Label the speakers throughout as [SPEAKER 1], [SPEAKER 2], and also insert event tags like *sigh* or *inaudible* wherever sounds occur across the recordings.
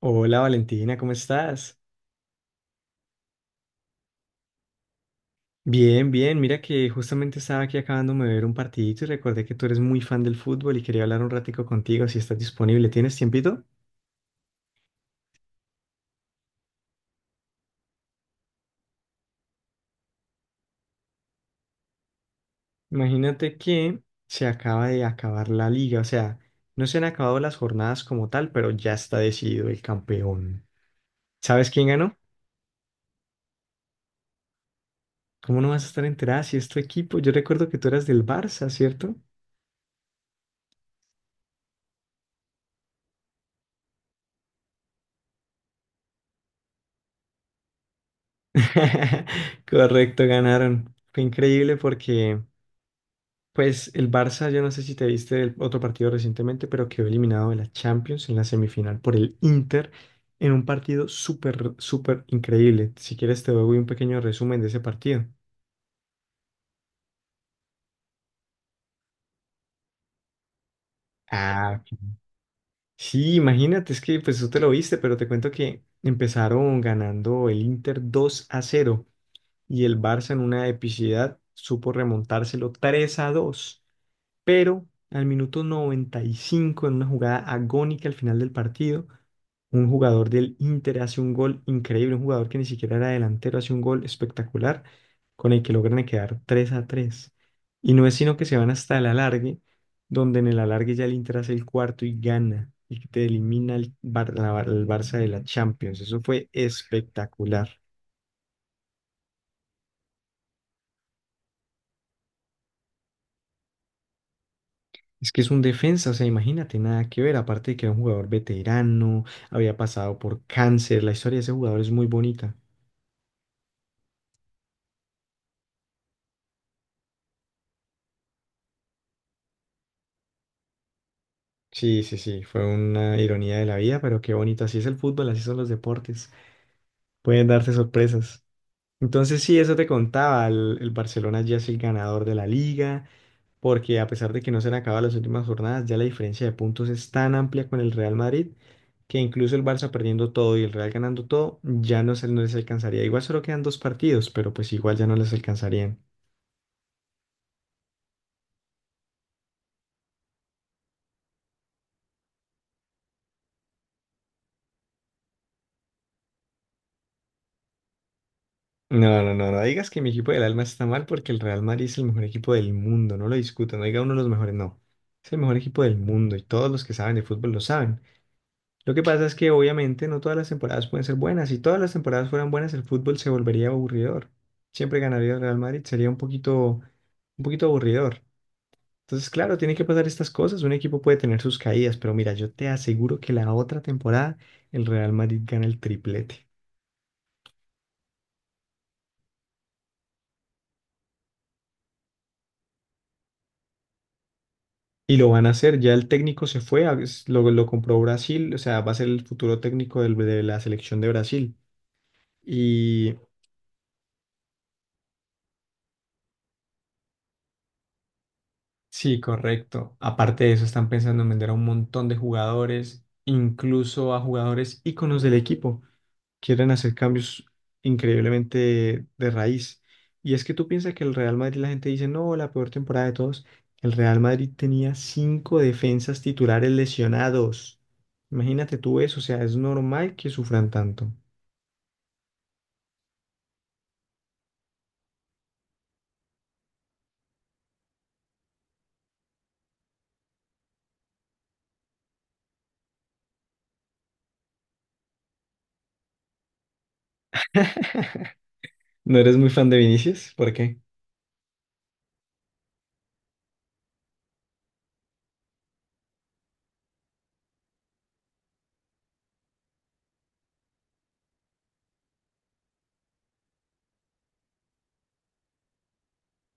[SPEAKER 1] Hola Valentina, ¿cómo estás? Bien, bien, mira que justamente estaba aquí acabándome de ver un partidito y recordé que tú eres muy fan del fútbol y quería hablar un ratico contigo si estás disponible. ¿Tienes tiempito? Imagínate que se acaba de acabar la liga, o sea, no se han acabado las jornadas como tal, pero ya está decidido el campeón. ¿Sabes quién ganó? ¿Cómo no vas a estar enterada si es tu equipo? Yo recuerdo que tú eras del Barça, ¿cierto? *laughs* Correcto, ganaron. Fue increíble porque, pues, el Barça, yo no sé si te viste el otro partido recientemente, pero quedó eliminado de la Champions en la semifinal por el Inter en un partido súper, súper increíble. Si quieres te doy un pequeño resumen de ese partido. Ah, ok. Sí, imagínate, es que pues tú te lo viste, pero te cuento que empezaron ganando el Inter 2-0 y el Barça en una epicidad supo remontárselo 3-2. Pero al minuto 95 en una jugada agónica al final del partido, un jugador del Inter hace un gol increíble, un jugador que ni siquiera era delantero, hace un gol espectacular, con el que logran quedar 3-3. Y no es sino que se van hasta el alargue, donde en el alargue ya el Inter hace el cuarto y gana, y te elimina el Barça de la Champions. Eso fue espectacular. Es que es un defensa, o sea, imagínate, nada que ver, aparte de que era un jugador veterano, había pasado por cáncer, la historia de ese jugador es muy bonita. Sí, sí, sí, fue una ironía de la vida, pero qué bonito, así es el fútbol, así son los deportes, pueden darse sorpresas. Entonces sí, eso te contaba, el Barcelona ya es el ganador de la liga, porque a pesar de que no se han acabado las últimas jornadas, ya la diferencia de puntos es tan amplia con el Real Madrid que incluso el Barça perdiendo todo y el Real ganando todo, ya no les alcanzaría. Igual solo quedan dos partidos, pero pues igual ya no les alcanzarían. No, no, no, no digas que mi equipo del alma está mal porque el Real Madrid es el mejor equipo del mundo, no lo discuto, no diga uno de los mejores, no. Es el mejor equipo del mundo y todos los que saben de fútbol lo saben. Lo que pasa es que obviamente no todas las temporadas pueden ser buenas. Si todas las temporadas fueran buenas, el fútbol se volvería aburridor. Siempre ganaría el Real Madrid, sería un poquito aburridor. Entonces, claro, tiene que pasar estas cosas. Un equipo puede tener sus caídas, pero mira, yo te aseguro que la otra temporada el Real Madrid gana el triplete. Y lo van a hacer, ya el técnico se fue, lo compró Brasil, o sea, va a ser el futuro técnico de la selección de Brasil. Sí, correcto. Aparte de eso, están pensando en vender a un montón de jugadores, incluso a jugadores íconos del equipo. Quieren hacer cambios increíblemente de raíz. Y es que tú piensas que el Real Madrid, la gente dice, no, la peor temporada de todos. El Real Madrid tenía cinco defensas titulares lesionados. Imagínate tú eso, o sea, es normal que sufran tanto. ¿No eres muy fan de Vinicius? ¿Por qué?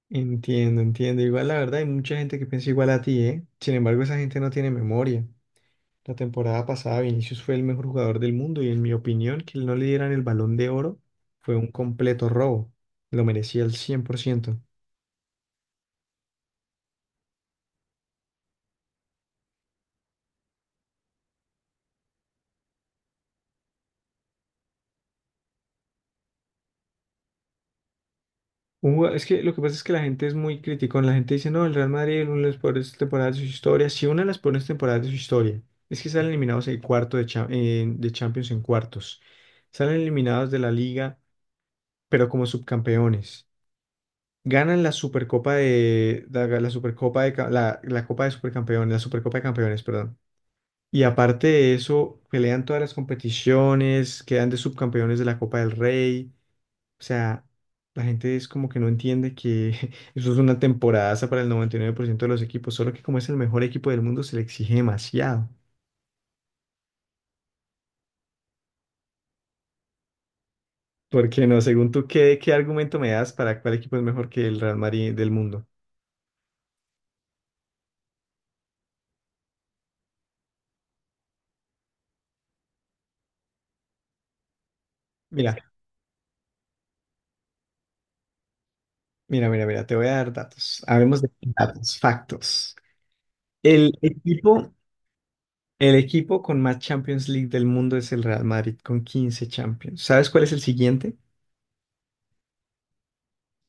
[SPEAKER 1] Entiendo, entiendo. Igual la verdad hay mucha gente que piensa igual a ti, ¿eh? Sin embargo, esa gente no tiene memoria. La temporada pasada Vinicius fue el mejor jugador del mundo y en mi opinión que no le dieran el Balón de Oro fue un completo robo. Lo merecía al 100%. Es que lo que pasa es que la gente es muy crítica. La gente dice, no, el Real Madrid es una de las peores temporadas de su historia. Si una de las peores temporadas de su historia es que salen eliminados en cuarto de, cha- en- de Champions en cuartos. Salen eliminados de la Liga, pero como subcampeones. Ganan la Supercopa de ca- la, la Copa de Supercampeones, la Supercopa de Campeones, perdón. Y aparte de eso, pelean todas las competiciones, quedan de subcampeones de la Copa del Rey. O sea, la gente es como que no entiende que *laughs* eso es una temporadaza para el 99% de los equipos, solo que como es el mejor equipo del mundo se le exige demasiado. Porque no, según tú, ¿qué argumento me das para cuál equipo es mejor que el Real Madrid del mundo? Mira, mira, mira, mira, te voy a dar datos. Hablemos de datos, factos. El equipo, El equipo con más Champions League del mundo es el Real Madrid con 15 Champions. ¿Sabes cuál es el siguiente?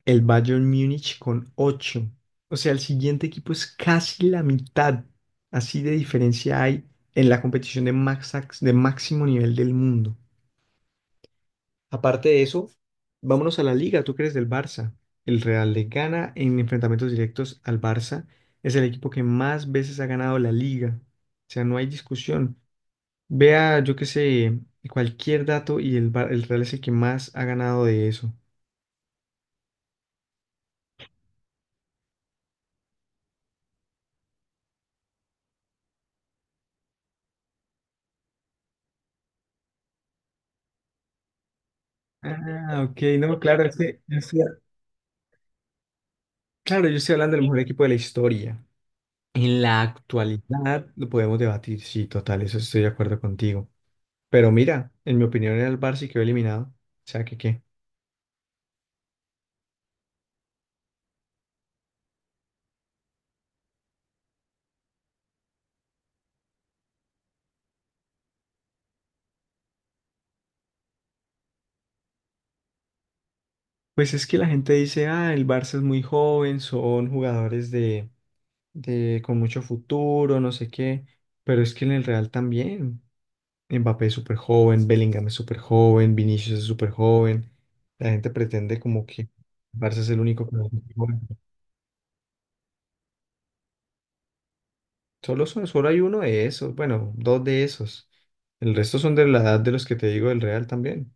[SPEAKER 1] El Bayern Múnich con 8. O sea, el siguiente equipo es casi la mitad. Así de diferencia hay en la competición de máximo nivel del mundo. Aparte de eso, vámonos a la liga. ¿Tú crees del Barça? El Real le gana en enfrentamientos directos al Barça. Es el equipo que más veces ha ganado la liga. O sea, no hay discusión. Vea, yo qué sé, cualquier dato y el Real es el que más ha ganado de eso. Ah, ok, no, claro, es que claro, yo estoy hablando del mejor equipo de la historia. En la actualidad lo podemos debatir, sí, total, eso estoy de acuerdo contigo. Pero mira, en mi opinión era el Barça y quedó eliminado. O sea, que qué. Pues es que la gente dice, ah, el Barça es muy joven, son jugadores de con mucho futuro, no sé qué, pero es que en el Real también. Mbappé es súper joven, Bellingham es súper joven, Vinicius es súper joven. La gente pretende como que Barça es el único que no es joven. Solo hay uno de esos, bueno, dos de esos. El resto son de la edad de los que te digo del Real también.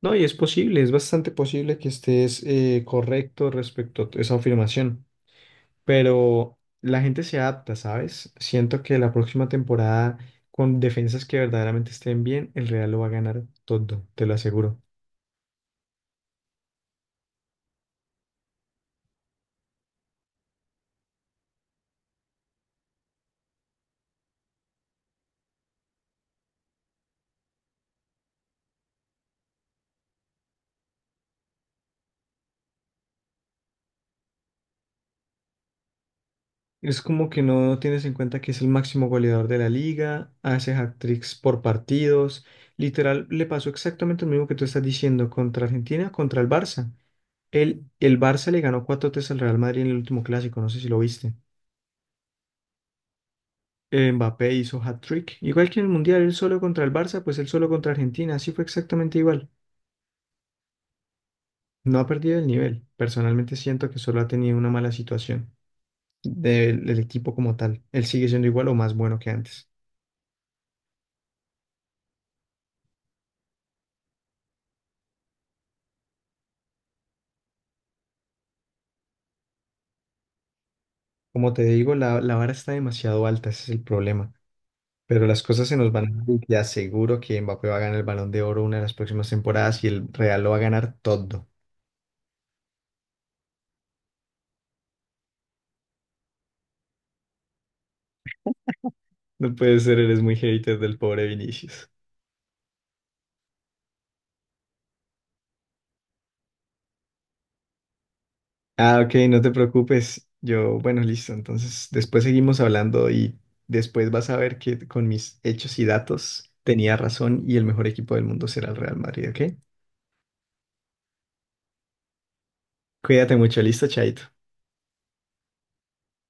[SPEAKER 1] No, y es posible, es bastante posible que estés correcto respecto a esa afirmación, pero la gente se adapta, ¿sabes? Siento que la próxima temporada, con defensas que verdaderamente estén bien, el Real lo va a ganar todo, te lo aseguro. Es como que no tienes en cuenta que es el máximo goleador de la liga, hace hat-tricks por partidos. Literal, le pasó exactamente lo mismo que tú estás diciendo contra Argentina, contra el Barça. El Barça le ganó cuatro 3 al Real Madrid en el último clásico, no sé si lo viste. Mbappé hizo hat-trick. Igual que en el Mundial, él solo contra el Barça, pues él solo contra Argentina. Así fue exactamente igual. No ha perdido el nivel. Personalmente siento que solo ha tenido una mala situación del equipo como tal. Él sigue siendo igual o más bueno que antes. Como te digo, la vara está demasiado alta, ese es el problema. Pero las cosas se nos van a dar y te aseguro que Mbappé va a ganar el Balón de Oro una de las próximas temporadas y el Real lo va a ganar todo. No puede ser, eres muy hater del pobre Vinicius. Ah, ok, no te preocupes. Yo, bueno, listo. Entonces, después seguimos hablando y después vas a ver que con mis hechos y datos tenía razón y el mejor equipo del mundo será el Real Madrid, ¿ok? Cuídate mucho, listo, Chaito.